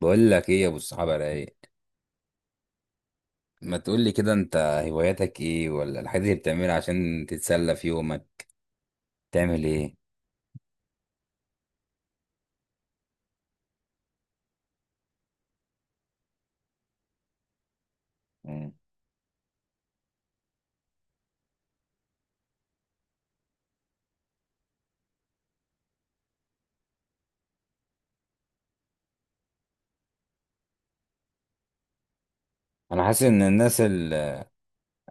بقول لك ايه يا ابو الصحابه، رايق؟ ما تقول لي كده انت. هواياتك ايه، ولا الحاجات اللي بتعملها عشان تتسلى في يومك؟ تعمل ايه؟ مم. انا حاسس ان الناس اللي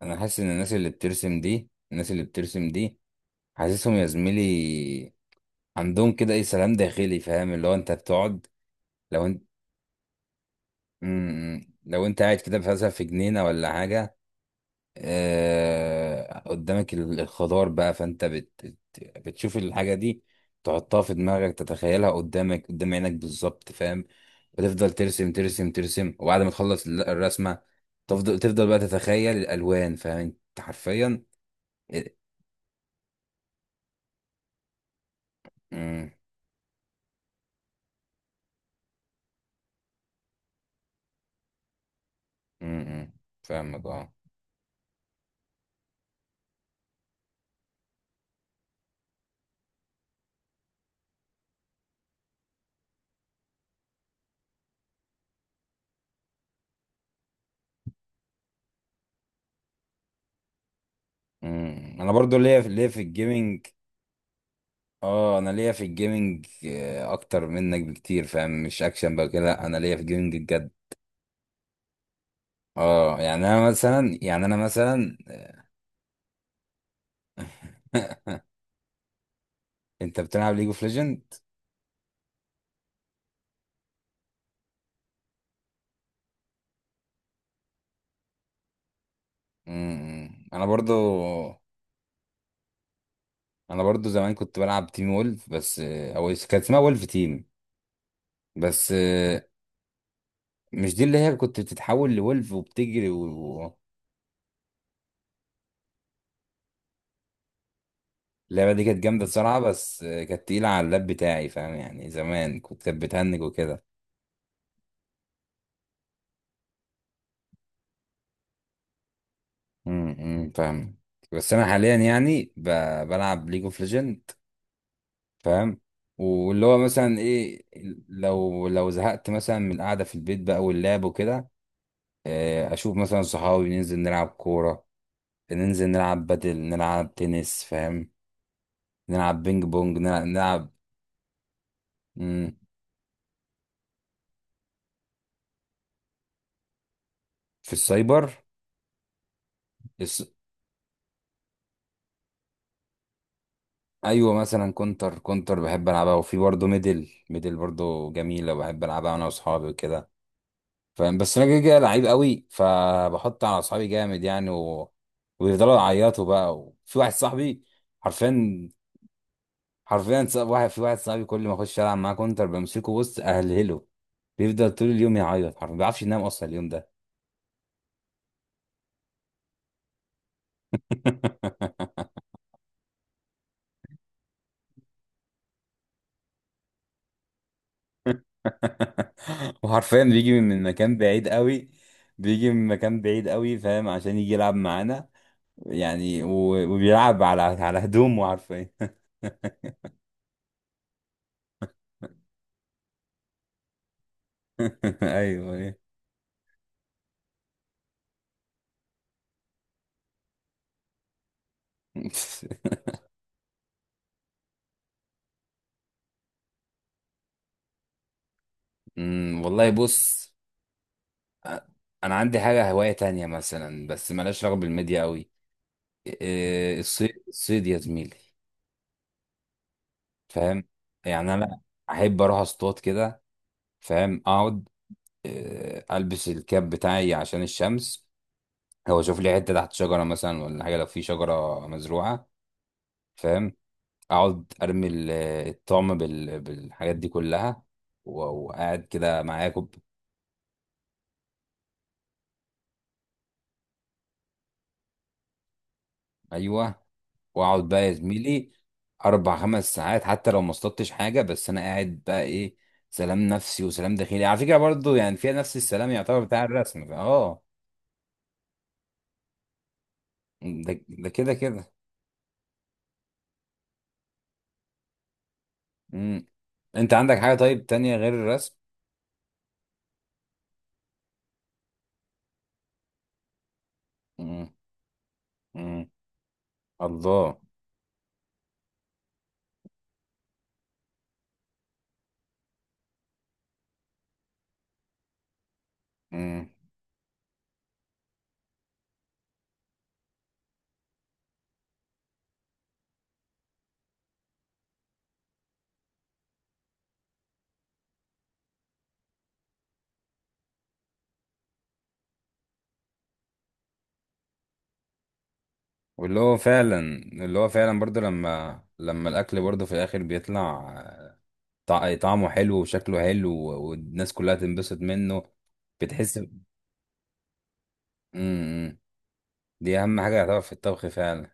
انا حاسس ان الناس اللي بترسم دي حاسسهم يا زميلي، عندهم كده ايه، سلام داخلي، فاهم اللي هو انت بتقعد. لو انت لو انت قاعد كده مثلا في جنينه ولا حاجه، قدامك الخضار بقى، فانت بتشوف الحاجة دي، تحطها في دماغك، تتخيلها قدامك، قدام عينك بالظبط، فاهم؟ وتفضل ترسم ترسم ترسم، وبعد ما تخلص الرسمة، تفضل تفضل بقى تتخيل الألوان، فاهم انت حرفيا. ال- مم، مم، مم. فاهمك، اه. مم. انا برضو ليا في الجيمنج. اه انا ليا في الجيمنج، اكتر منك بكتير، فاهم؟ مش اكشن بقى كده، لا، انا ليا في الجيمنج بجد. اه يعني انا مثلا. انت بتلعب ليج اوف ليجند؟ انا برضو انا برضو زمان كنت بلعب تيم وولف، بس او كان اسمها وولف تيم بس. مش دي اللي هي كنت بتتحول لولف وبتجري اللعبة دي كانت جامدة الصراحة، بس كانت تقيلة على اللاب بتاعي، فاهم؟ يعني زمان كانت بتهنج وكده. فاهم. بس انا حاليا يعني بلعب ليج اوف ليجند، فاهم؟ واللي هو مثلا ايه، لو زهقت مثلا من القعده في البيت بقى واللعب وكده، اشوف مثلا صحابي، ننزل نلعب كوره، ننزل نلعب بدل نلعب تنس، فاهم؟ نلعب بينج بونج، نلعب, نلعب مم، في السايبر. الس... ايوه، مثلا كونتر بحب العبها، وفي برضه ميدل برضه جميله، بحب العبها انا واصحابي وكده، فاهم؟ بس انا كده كده لعيب قوي، فبحط على اصحابي جامد يعني ويفضلوا يعيطوا بقى، وفي واحد صاحبي حرفيا، حرفيا صاحب واحد، في واحد صاحبي كل ما اخش العب معاه كونتر بمسكه، بص اهلهله، بيفضل طول اليوم يعيط حرفيا، ما بيعرفش ينام اصلا اليوم ده. وحرفيا بيجي من مكان بعيد قوي، بيجي من مكان بعيد قوي، فاهم، عشان يجي يلعب معانا. يعني و... وبيلعب على هدومه حرفيا. ايوه، ايوه. والله بص. أ- انا عندي هوايه تانية مثلا، بس مالهاش علاقه بالميديا قوي. إيه، الصيد، الصيد يا زميلي، فاهم؟ يعني انا احب اروح اصطاد كده، فاهم، اقعد، إيه، البس الكاب بتاعي عشان الشمس، او اشوف لي حته تحت شجره مثلا ولا حاجه، لو في شجره مزروعه، فاهم، اقعد ارمي الطعم بالحاجات دي كلها، و- وقاعد كده معايا كوب. ايوه، واقعد بقى يا زميلي 4 5 ساعات، حتى لو ما اصطدتش حاجه، بس انا قاعد بقى ايه، سلام نفسي وسلام داخلي، على فكره برضو يعني فيها نفس السلام يعتبر بتاع الرسم، اه. ده كده كده. امم انت عندك حاجه طيب تانية غير الرسم؟ امم. امم. الله. امم. واللي هو فعلا برضو لما الاكل برضو في الاخر بيطلع، طعمه حلو وشكله حلو، والناس كلها تنبسط منه، بتحس. امم دي اهم حاجه يعتبر في الطبخ فعلا.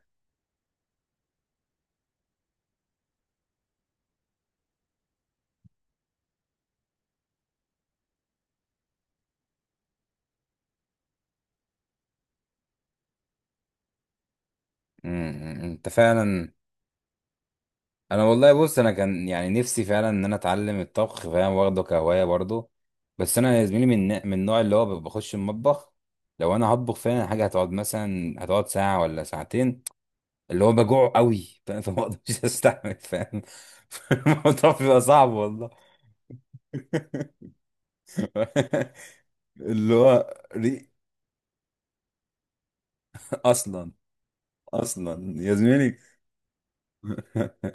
انت فعلا. انا والله بص، انا كان يعني نفسي فعلا ان انا اتعلم الطبخ، فاهم، واخده كهوايه برضه. بس انا يا زميلي من النوع اللي هو بخش المطبخ. لو انا هطبخ فعلا حاجه هتقعد ساعه ولا ساعتين، اللي هو بجوع قوي. فاهم، فما اقدرش استحمل، فاهم، الموضوع بيبقى صعب والله. اللي هو اصلا، اصلا يا زميلي.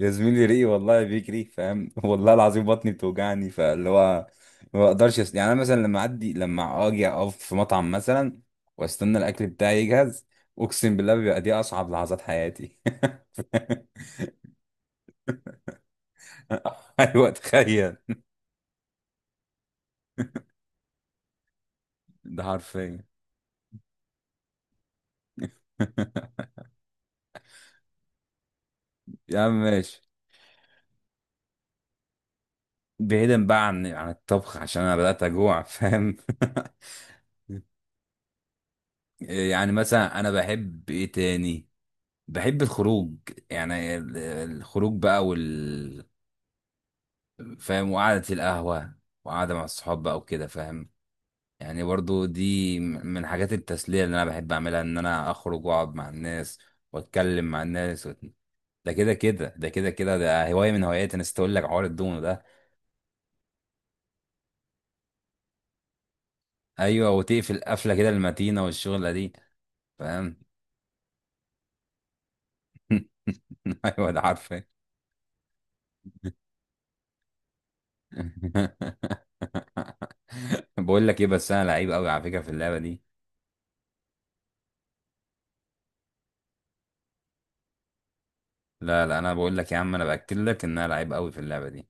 يا زميلي، ريقي والله بيجري، فاهم. والله العظيم، بطني بتوجعني، فاللي هو ما بقدرش يعني انا مثلا لما اعدي لما اجي اقف في مطعم مثلا واستنى الاكل بتاعي يجهز، اقسم بالله بيبقى دي اصعب لحظات حياتي. ايوه، تخيل، ده حرفيا. يا عم ماشي. بعيدا بقى عن الطبخ، عشان انا بدأت اجوع، فاهم. يعني مثلا انا بحب ايه تاني؟ بحب الخروج، يعني الخروج بقى، فاهم، وقعدة القهوة، وقعدة مع الصحاب بقى وكده، فاهم. يعني برضو دي من حاجات التسلية اللي أنا بحب أعملها، إن أنا أخرج وأقعد مع الناس وأتكلم مع الناس ده كده كده ده هواية من هواياتي، أنا نسيت أقول لك حوار الدومو ده. أيوة، وتقفل قفلة كده المتينة والشغلة دي، فاهم. أيوة، ده عارفة. بقول لك إيه، بس أنا لعيب أوي على فكرة في اللعبة دي. لا، لا، أنا بقول لك يا عم، أنا بأكد لك إن أنا لعيب أوي في اللعبة دي.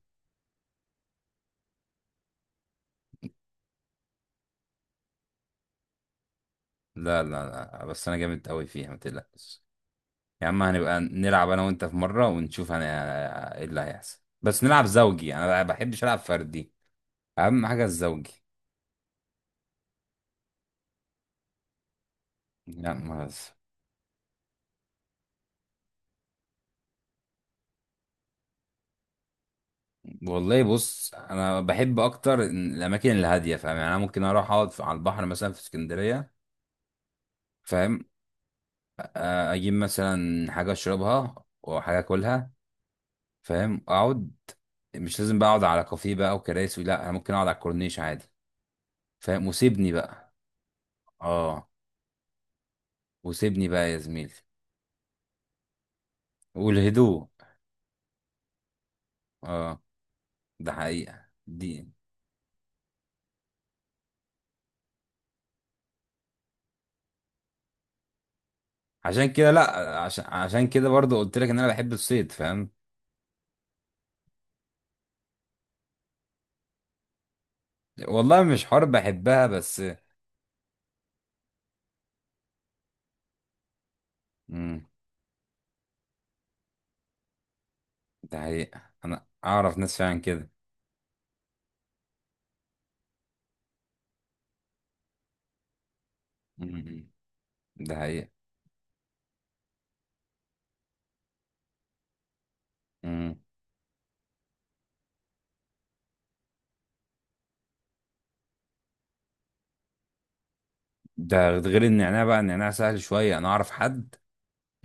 لا، لا، لا، بس انا جامد قوي فيها، ما تقلقش. يا عم هنبقى نلعب انا وانت في مره ونشوف انا ايه اللي هيحصل، بس نلعب زوجي، انا ما بحبش العب فردي، اهم حاجه الزوجي. لا، ما والله بص، انا بحب اكتر الاماكن الهاديه، فاهم، يعني انا ممكن اروح اقعد على البحر مثلا في اسكندريه، فاهم، اجيب مثلا حاجه اشربها وحاجه اكلها، فاهم، اقعد، مش لازم بقى اقعد على كافيه بقى وكراسي، لا، انا ممكن اقعد على الكورنيش عادي، فاهم، اه وسيبني بقى يا زميلي. والهدوء، اه، ده حقيقة دي. عشان كده، لا، عشان كده برضه قلت لك ان انا بحب الصيد، فاهم. والله مش حرب، بحبها بس. امم ده حقيقة، انا اعرف ناس فعلا كده. امم ده حقيقة. امم ده غير النعناع بقى، النعناع سهل شوية، انا اعرف حد،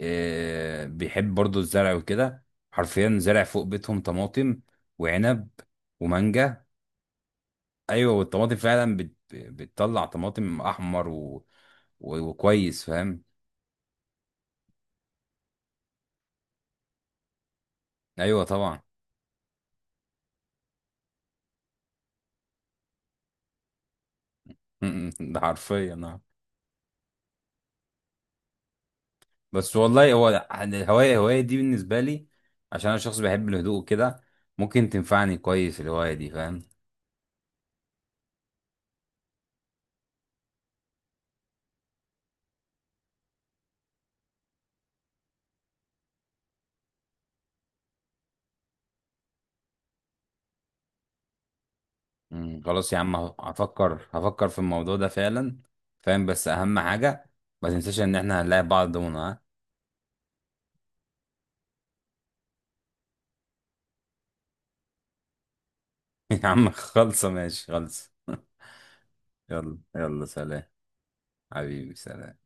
آه، بيحب برضه الزرع وكده، حرفيا زرع فوق بيتهم طماطم وعنب ومانجا. ايوه، والطماطم فعلا بتطلع طماطم احمر و... و... وكويس، فاهم. ايوه طبعا. ده حرفيا، نعم. بس والله هو يعني الهوايه دي بالنسبه لي، عشان انا شخص بيحب الهدوء كده، ممكن تنفعني كويس الهوايه دي، فاهم. خلاص يا عم، هفكر في الموضوع ده فعلا، فاهم، بس اهم حاجه ما تنساش ان احنا هنلاقي بعض دونا، ها. يا عم خلصه، ماشي، خلصه. يلا يلا، سلام. حبيبي، سلام.